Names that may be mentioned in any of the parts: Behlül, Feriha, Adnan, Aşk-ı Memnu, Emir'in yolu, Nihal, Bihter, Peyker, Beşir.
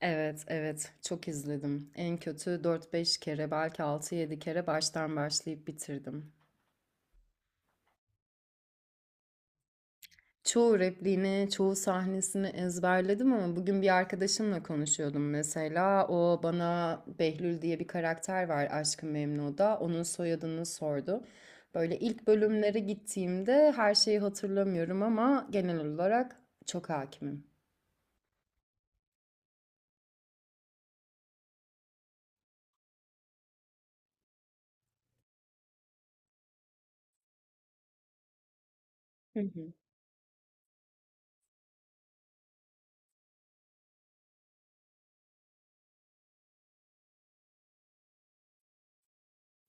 Evet, evet. Çok izledim. En kötü dört beş kere, belki altı yedi kere baştan başlayıp bitirdim. Çoğu repliğini, çoğu sahnesini ezberledim ama bugün bir arkadaşımla konuşuyordum mesela. O bana Behlül diye bir karakter var Aşk-ı Memnu'da. Onun soyadını sordu. Böyle ilk bölümlere gittiğimde her şeyi hatırlamıyorum ama genel olarak çok hakimim. Hı hı.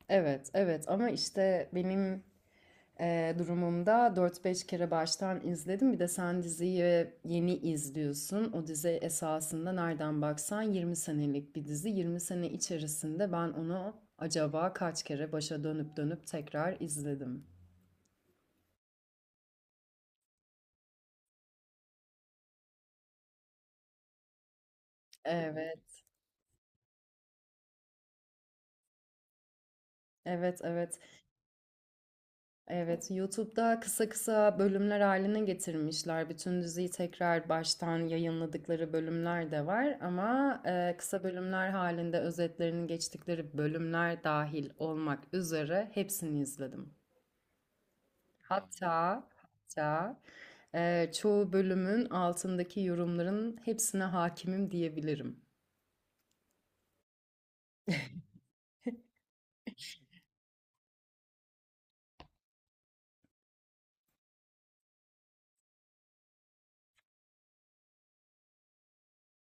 Evet, evet ama işte benim durumumda dört beş kere baştan izledim. Bir de sen diziyi yeni izliyorsun. O dizi esasında nereden baksan 20 senelik bir dizi. Yirmi sene içerisinde ben onu acaba kaç kere başa dönüp dönüp tekrar izledim. Evet, evet, evet. Evet, YouTube'da kısa kısa bölümler haline getirmişler. Bütün diziyi tekrar baştan yayınladıkları bölümler de var ama kısa bölümler halinde özetlerini geçtikleri bölümler dahil olmak üzere hepsini izledim. Hatta hatta çoğu bölümün altındaki yorumların hepsine hakimim diyebilirim.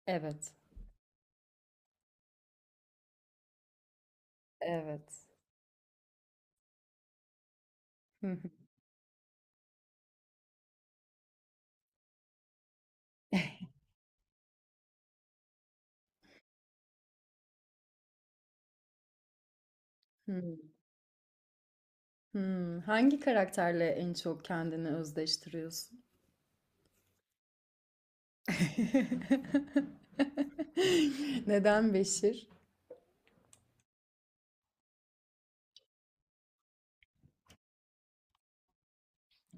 Evet, evet. Hı hı. Hmm. Hmm. Hangi karakterle en çok kendini özdeştiriyorsun? Neden Beşir?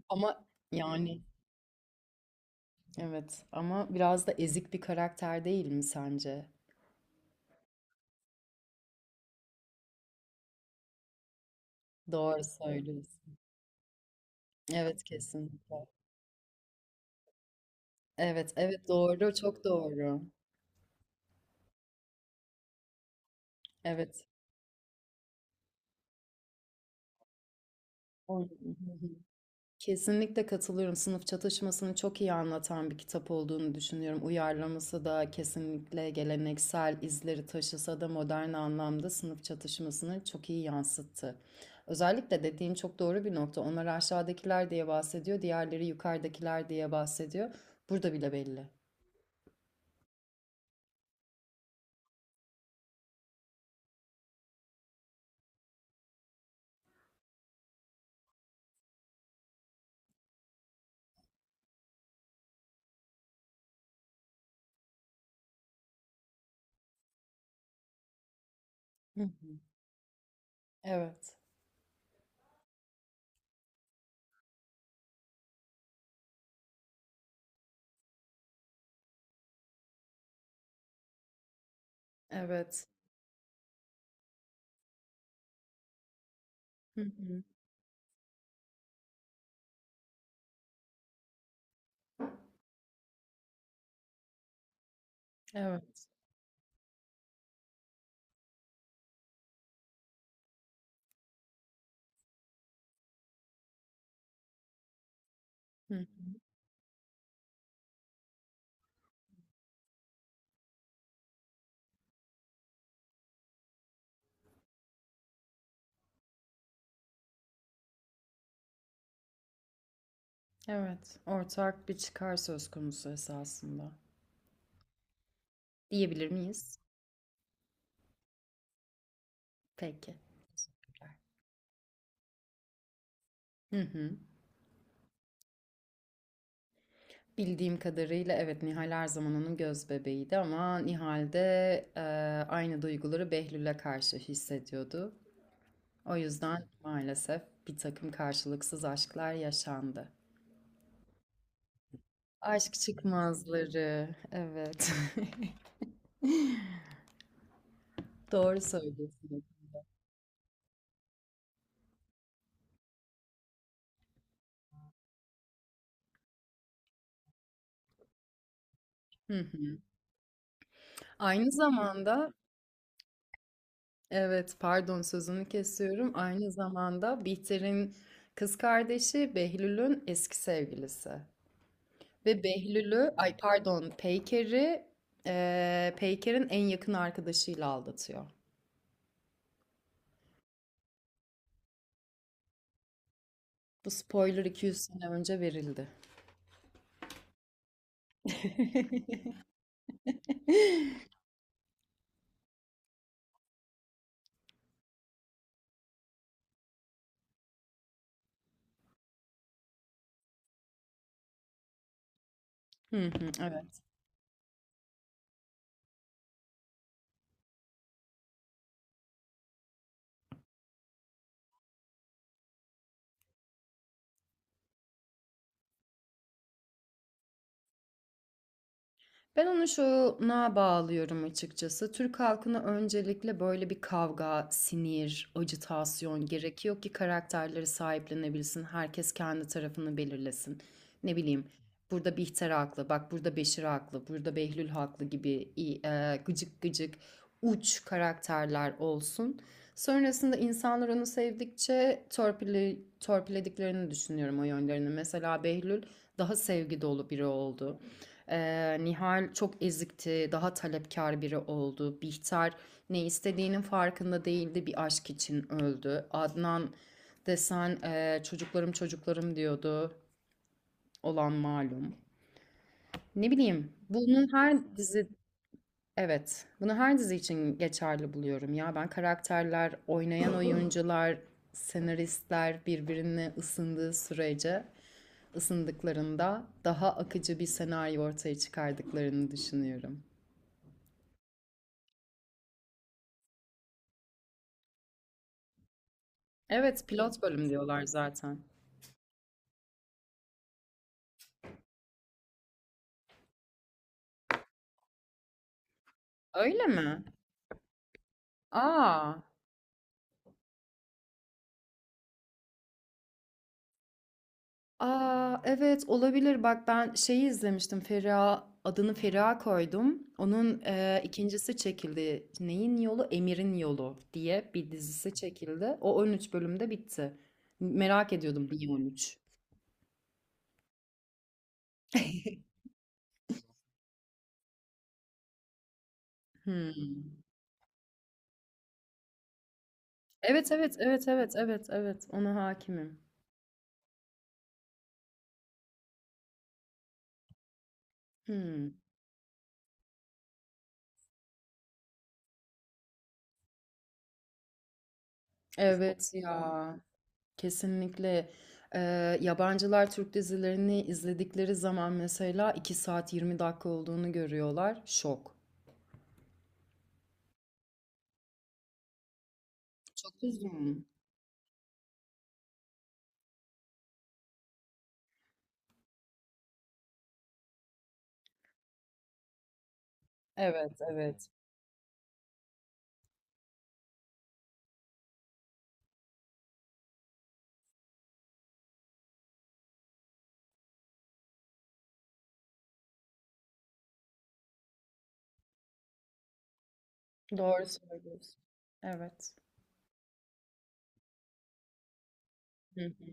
Ama yani evet ama biraz da ezik bir karakter değil mi sence? Doğru söylüyorsun. Evet, kesinlikle. Evet, evet, doğru, çok doğru. Evet. O- Kesinlikle katılıyorum. Sınıf çatışmasını çok iyi anlatan bir kitap olduğunu düşünüyorum. Uyarlaması da kesinlikle geleneksel izleri taşısa da modern anlamda sınıf çatışmasını çok iyi yansıttı. Özellikle dediğin çok doğru bir nokta. Onlar aşağıdakiler diye bahsediyor, diğerleri yukarıdakiler diye bahsediyor. Burada bile belli. Hı. Evet. Evet. Hı hı. Evet. Hı hı. Evet. Ortak bir çıkar söz konusu esasında. Diyebilir miyiz? Peki. Hı hı. Bildiğim kadarıyla evet, Nihal her zaman onun göz bebeğiydi ama Nihal de e, aynı duyguları Behlül'e karşı hissediyordu. O yüzden maalesef bir takım karşılıksız aşklar yaşandı. Aşk çıkmazları, evet. Doğru söylüyorsun. Hı hı. Aynı zamanda, evet, pardon sözünü kesiyorum. Aynı zamanda Bihter'in kız kardeşi Behlül'ün eski sevgilisi. Ve Behlül'ü, ay pardon, Peyker'i, Peyker'in en yakın arkadaşıyla aldatıyor. Bu spoiler 200 sene önce verildi. Hı hı, evet. Ben onu şuna bağlıyorum açıkçası. Türk halkına öncelikle böyle bir kavga, sinir, ajitasyon gerekiyor ki karakterleri sahiplenebilsin. Herkes kendi tarafını belirlesin. Ne bileyim, burada Bihter haklı, bak burada Beşir haklı, burada Behlül haklı gibi gıcık gıcık uç karakterler olsun. Sonrasında insanlar onu sevdikçe torpili, torpilediklerini düşünüyorum o yönlerini. Mesela Behlül daha sevgi dolu biri oldu. Nihal çok ezikti, daha talepkar biri oldu. Bihter ne istediğinin farkında değildi, bir aşk için öldü. Adnan desen çocuklarım çocuklarım diyordu. Olan malum. Ne bileyim, bunun her dizi Evet, bunu her dizi için geçerli buluyorum ya. Ben karakterler, oynayan oyuncular, senaristler birbirine ısındığı sürece, ısındıklarında daha akıcı bir senaryo ortaya çıkardıklarını düşünüyorum. Evet, pilot bölüm diyorlar zaten. Öyle mi? Aa, aa, evet olabilir. Bak ben şeyi izlemiştim. Feriha adını Feriha koydum. Onun ikincisi çekildi. Neyin yolu? Emir'in yolu diye bir dizisi çekildi. O 13 bölümde bitti. Merak ediyordum niye 13. Hmm. Evet, evet, evet, evet, evet, evet, ona hakimim. Hmm. Evet ya. Kesinlikle. Yabancılar Türk dizilerini izledikleri zaman mesela 2 saat 20 dakika olduğunu görüyorlar. Şok. Çok uzun. Evet, evet. Doğru söylüyorsun. Evet. Hı hı.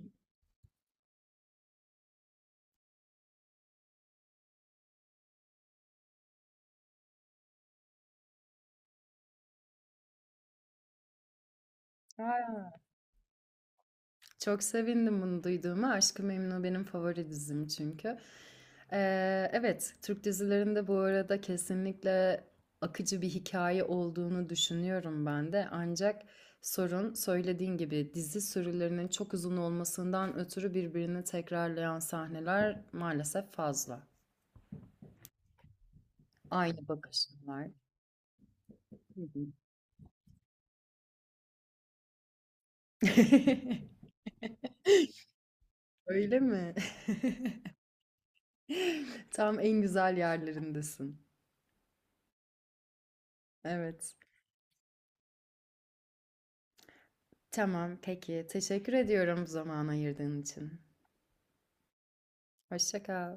Çok sevindim bunu duyduğuma. Aşk-ı Memnu benim favori dizim çünkü. Evet, Türk dizilerinde bu arada kesinlikle akıcı bir hikaye olduğunu düşünüyorum ben de. Ancak sorun söylediğin gibi dizi sürülerinin çok uzun olmasından ötürü birbirini tekrarlayan sahneler maalesef fazla. Aynı bakışlar. Hı hı. Öyle mi? Tam en güzel yerlerindesin. Evet. Tamam, peki. Teşekkür ediyorum zaman ayırdığın için. Hoşça kal.